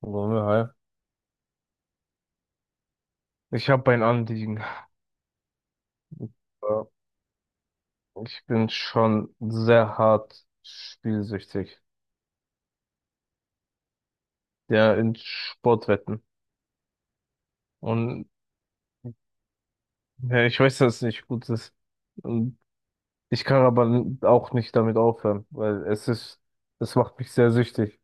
Wollen wir, hi. Ich habe ein Anliegen. Ja, ich bin schon sehr hart spielsüchtig. Ja, in Sportwetten. Und ja, ich weiß, dass es nicht gut ist. Und ich kann aber auch nicht damit aufhören, weil es ist, es macht mich sehr süchtig.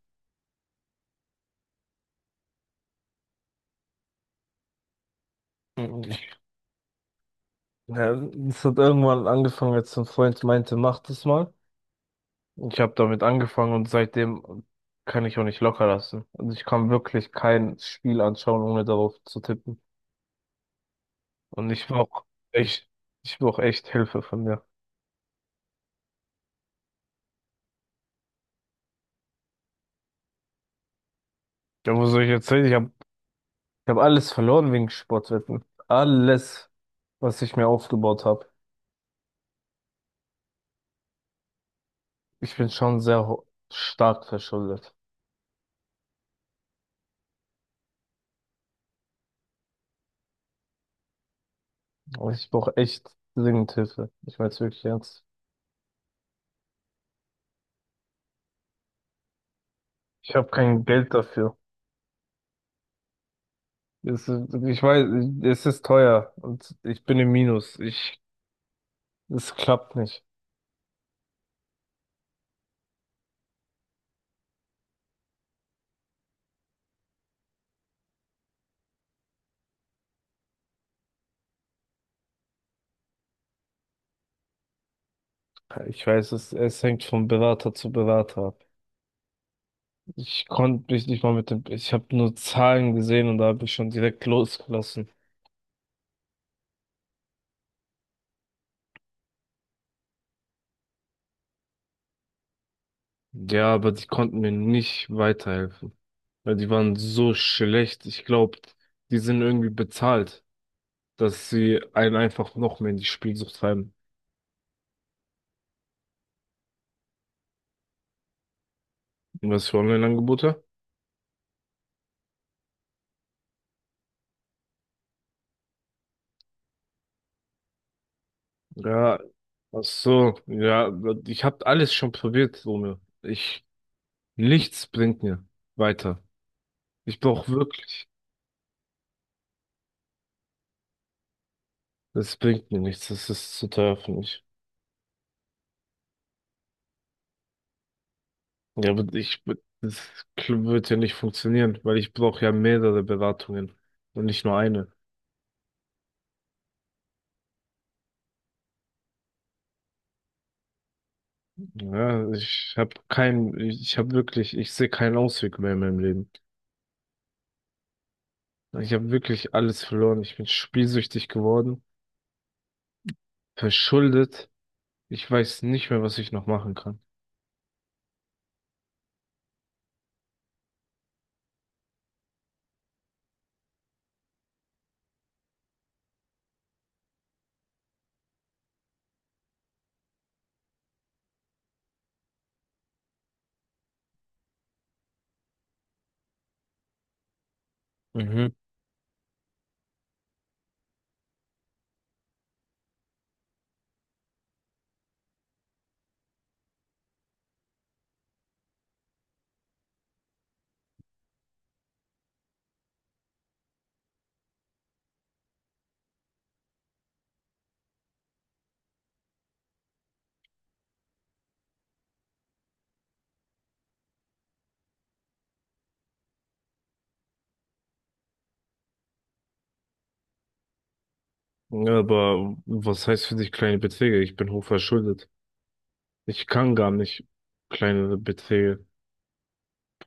Und ja, es hat irgendwann angefangen, als ein Freund meinte, mach das mal. Und ich habe damit angefangen und seitdem kann ich auch nicht locker lassen. Also ich kann wirklich kein Spiel anschauen, ohne darauf zu tippen. Und echt, ich brauch echt Hilfe von dir. Ja, wo soll ich jetzt hin? Ich hab alles verloren wegen Sportwetten. Alles, was ich mir aufgebaut habe. Ich bin schon sehr stark verschuldet. Und ich brauche echt dringend Hilfe. Ich meine es wirklich ernst. Ich habe kein Geld dafür. Es ist, ich weiß, es ist teuer und ich bin im Minus. Ich, es klappt nicht. Ich weiß, es hängt von Berater zu Berater. Ich konnte mich nicht mal mit dem, ich habe nur Zahlen gesehen und da habe ich schon direkt losgelassen. Ja, aber die konnten mir nicht weiterhelfen, weil die waren so schlecht. Ich glaube, die sind irgendwie bezahlt, dass sie einen einfach noch mehr in die Spielsucht treiben. Und was für Online-Angebote? Ja, ach so, ja, ich habe alles schon probiert, Junge. Ich, nichts bringt mir weiter. Ich brauche wirklich, das bringt mir nichts, das ist zu teuer für mich. Ja, aber ich, das wird ja nicht funktionieren, weil ich brauche ja mehrere Beratungen und nicht nur eine. Ja, ich habe keinen, ich habe wirklich, ich sehe keinen Ausweg mehr in meinem Leben. Ich habe wirklich alles verloren. Ich bin spielsüchtig geworden, verschuldet. Ich weiß nicht mehr, was ich noch machen kann. Mhm. Ja, aber was heißt für dich kleine Beträge? Ich bin hochverschuldet. Ich kann gar nicht kleinere Beträge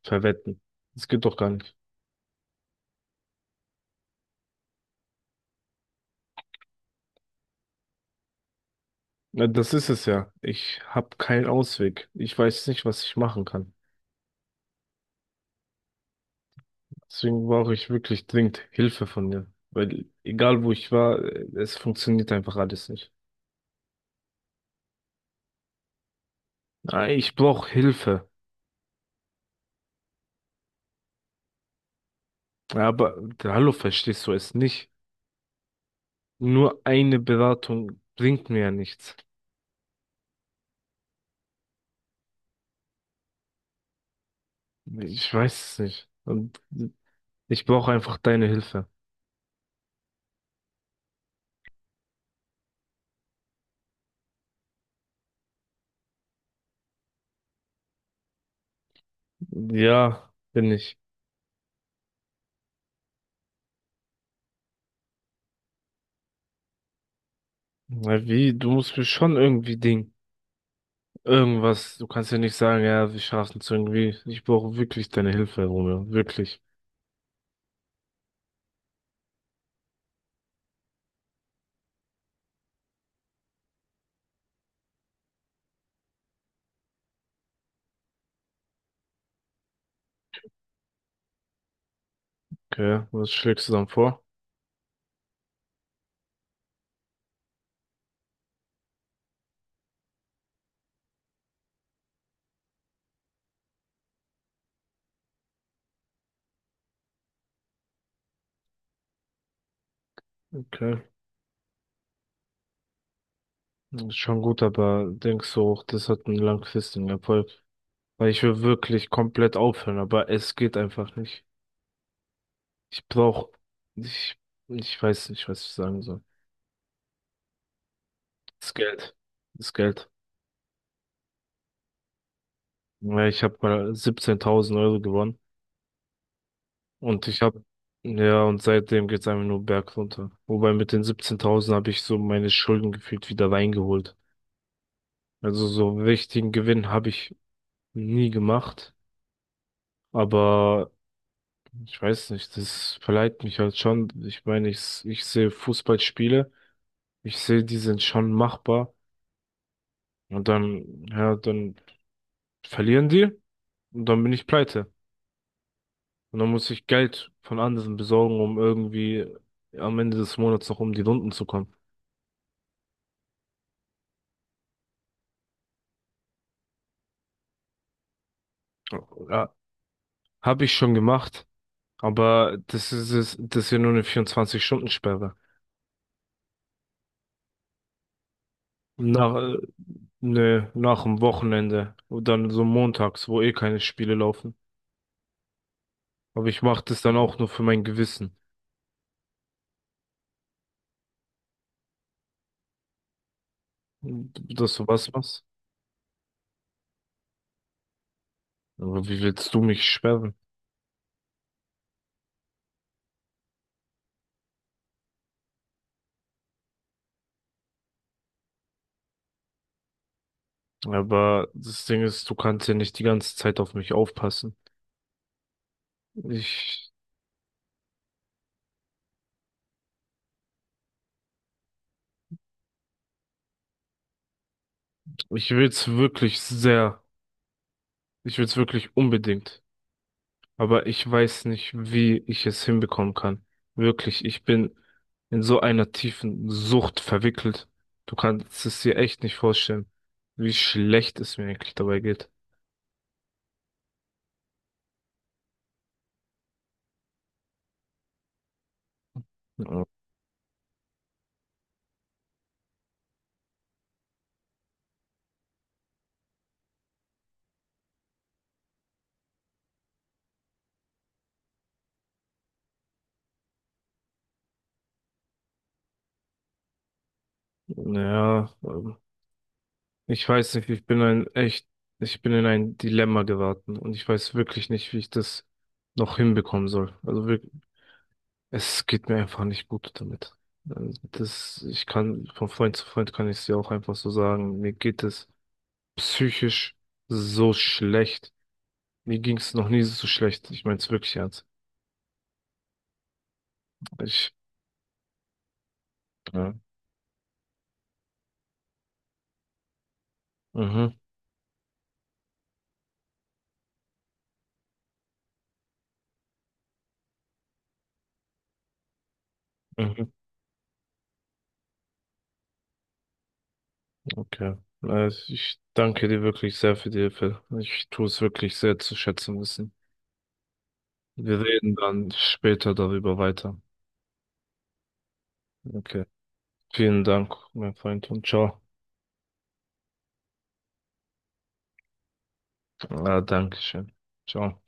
verwetten. Das geht doch gar nicht. Na, das ist es ja. Ich habe keinen Ausweg. Ich weiß nicht, was ich machen kann. Deswegen brauche ich wirklich dringend Hilfe von dir. Weil egal wo ich war, es funktioniert einfach alles nicht. Ah, ich brauche Hilfe. Ja, aber hallo, verstehst du es nicht? Nur eine Beratung bringt mir ja nichts. Ich weiß es nicht. Und ich brauche einfach deine Hilfe. Ja, bin ich. Na wie, du musst mir schon irgendwie Ding. Irgendwas, du kannst ja nicht sagen, ja, wir schaffen es irgendwie. Ich brauche wirklich deine Hilfe, Romeo. Wirklich. Okay, was schlägst du dann vor? Okay, das ist schon gut, aber denkst du auch, das hat einen langfristigen Erfolg? Weil ich will wirklich komplett aufhören, aber es geht einfach nicht. Ich brauche, ich, ich weiß nicht, was ich sagen soll. Das Geld. Das Geld. Ja, ich habe mal 17.000 Euro gewonnen. Und ich habe, ja, und seitdem geht's einfach nur bergunter. Wobei mit den 17.000 habe ich so meine Schulden gefühlt wieder reingeholt. Also so einen richtigen Gewinn habe ich nie gemacht. Aber ich weiß nicht, das verleiht mich halt schon. Ich meine, ich sehe Fußballspiele, ich sehe, die sind schon machbar. Und dann, ja, dann verlieren die und dann bin ich pleite. Und dann muss ich Geld von anderen besorgen, um irgendwie am Ende des Monats noch um die Runden zu kommen. Ja. Habe ich schon gemacht, aber das ist es, das ist ja nur eine 24-Stunden-Sperre. Nach, äh, ne, nach dem Wochenende und dann so montags, wo eh keine Spiele laufen. Aber ich mache das dann auch nur für mein Gewissen, dass du was machst. Aber wie willst du mich sperren? Aber das Ding ist, du kannst ja nicht die ganze Zeit auf mich aufpassen. Ich, ich will's wirklich sehr. Ich will's wirklich unbedingt. Aber ich weiß nicht, wie ich es hinbekommen kann. Wirklich, ich bin in so einer tiefen Sucht verwickelt. Du kannst es dir echt nicht vorstellen, wie schlecht es mir eigentlich dabei geht. Ja, naja, ich weiß nicht, ich bin ein echt, ich bin in ein Dilemma geraten und ich weiß wirklich nicht, wie ich das noch hinbekommen soll. Also wirklich, es geht mir einfach nicht gut damit. Also das, ich kann von Freund zu Freund kann ich es dir auch einfach so sagen, mir geht es psychisch so schlecht. Mir ging es noch nie so schlecht. Ich meine es wirklich ernst. Ich, ja. Mhm, mhm, okay. Also ich danke dir wirklich sehr für die Hilfe. Ich tue es wirklich sehr zu schätzen wissen. Wir reden dann später darüber weiter. Okay. Vielen Dank, mein Freund, und ciao. Ja, danke schön. Ciao.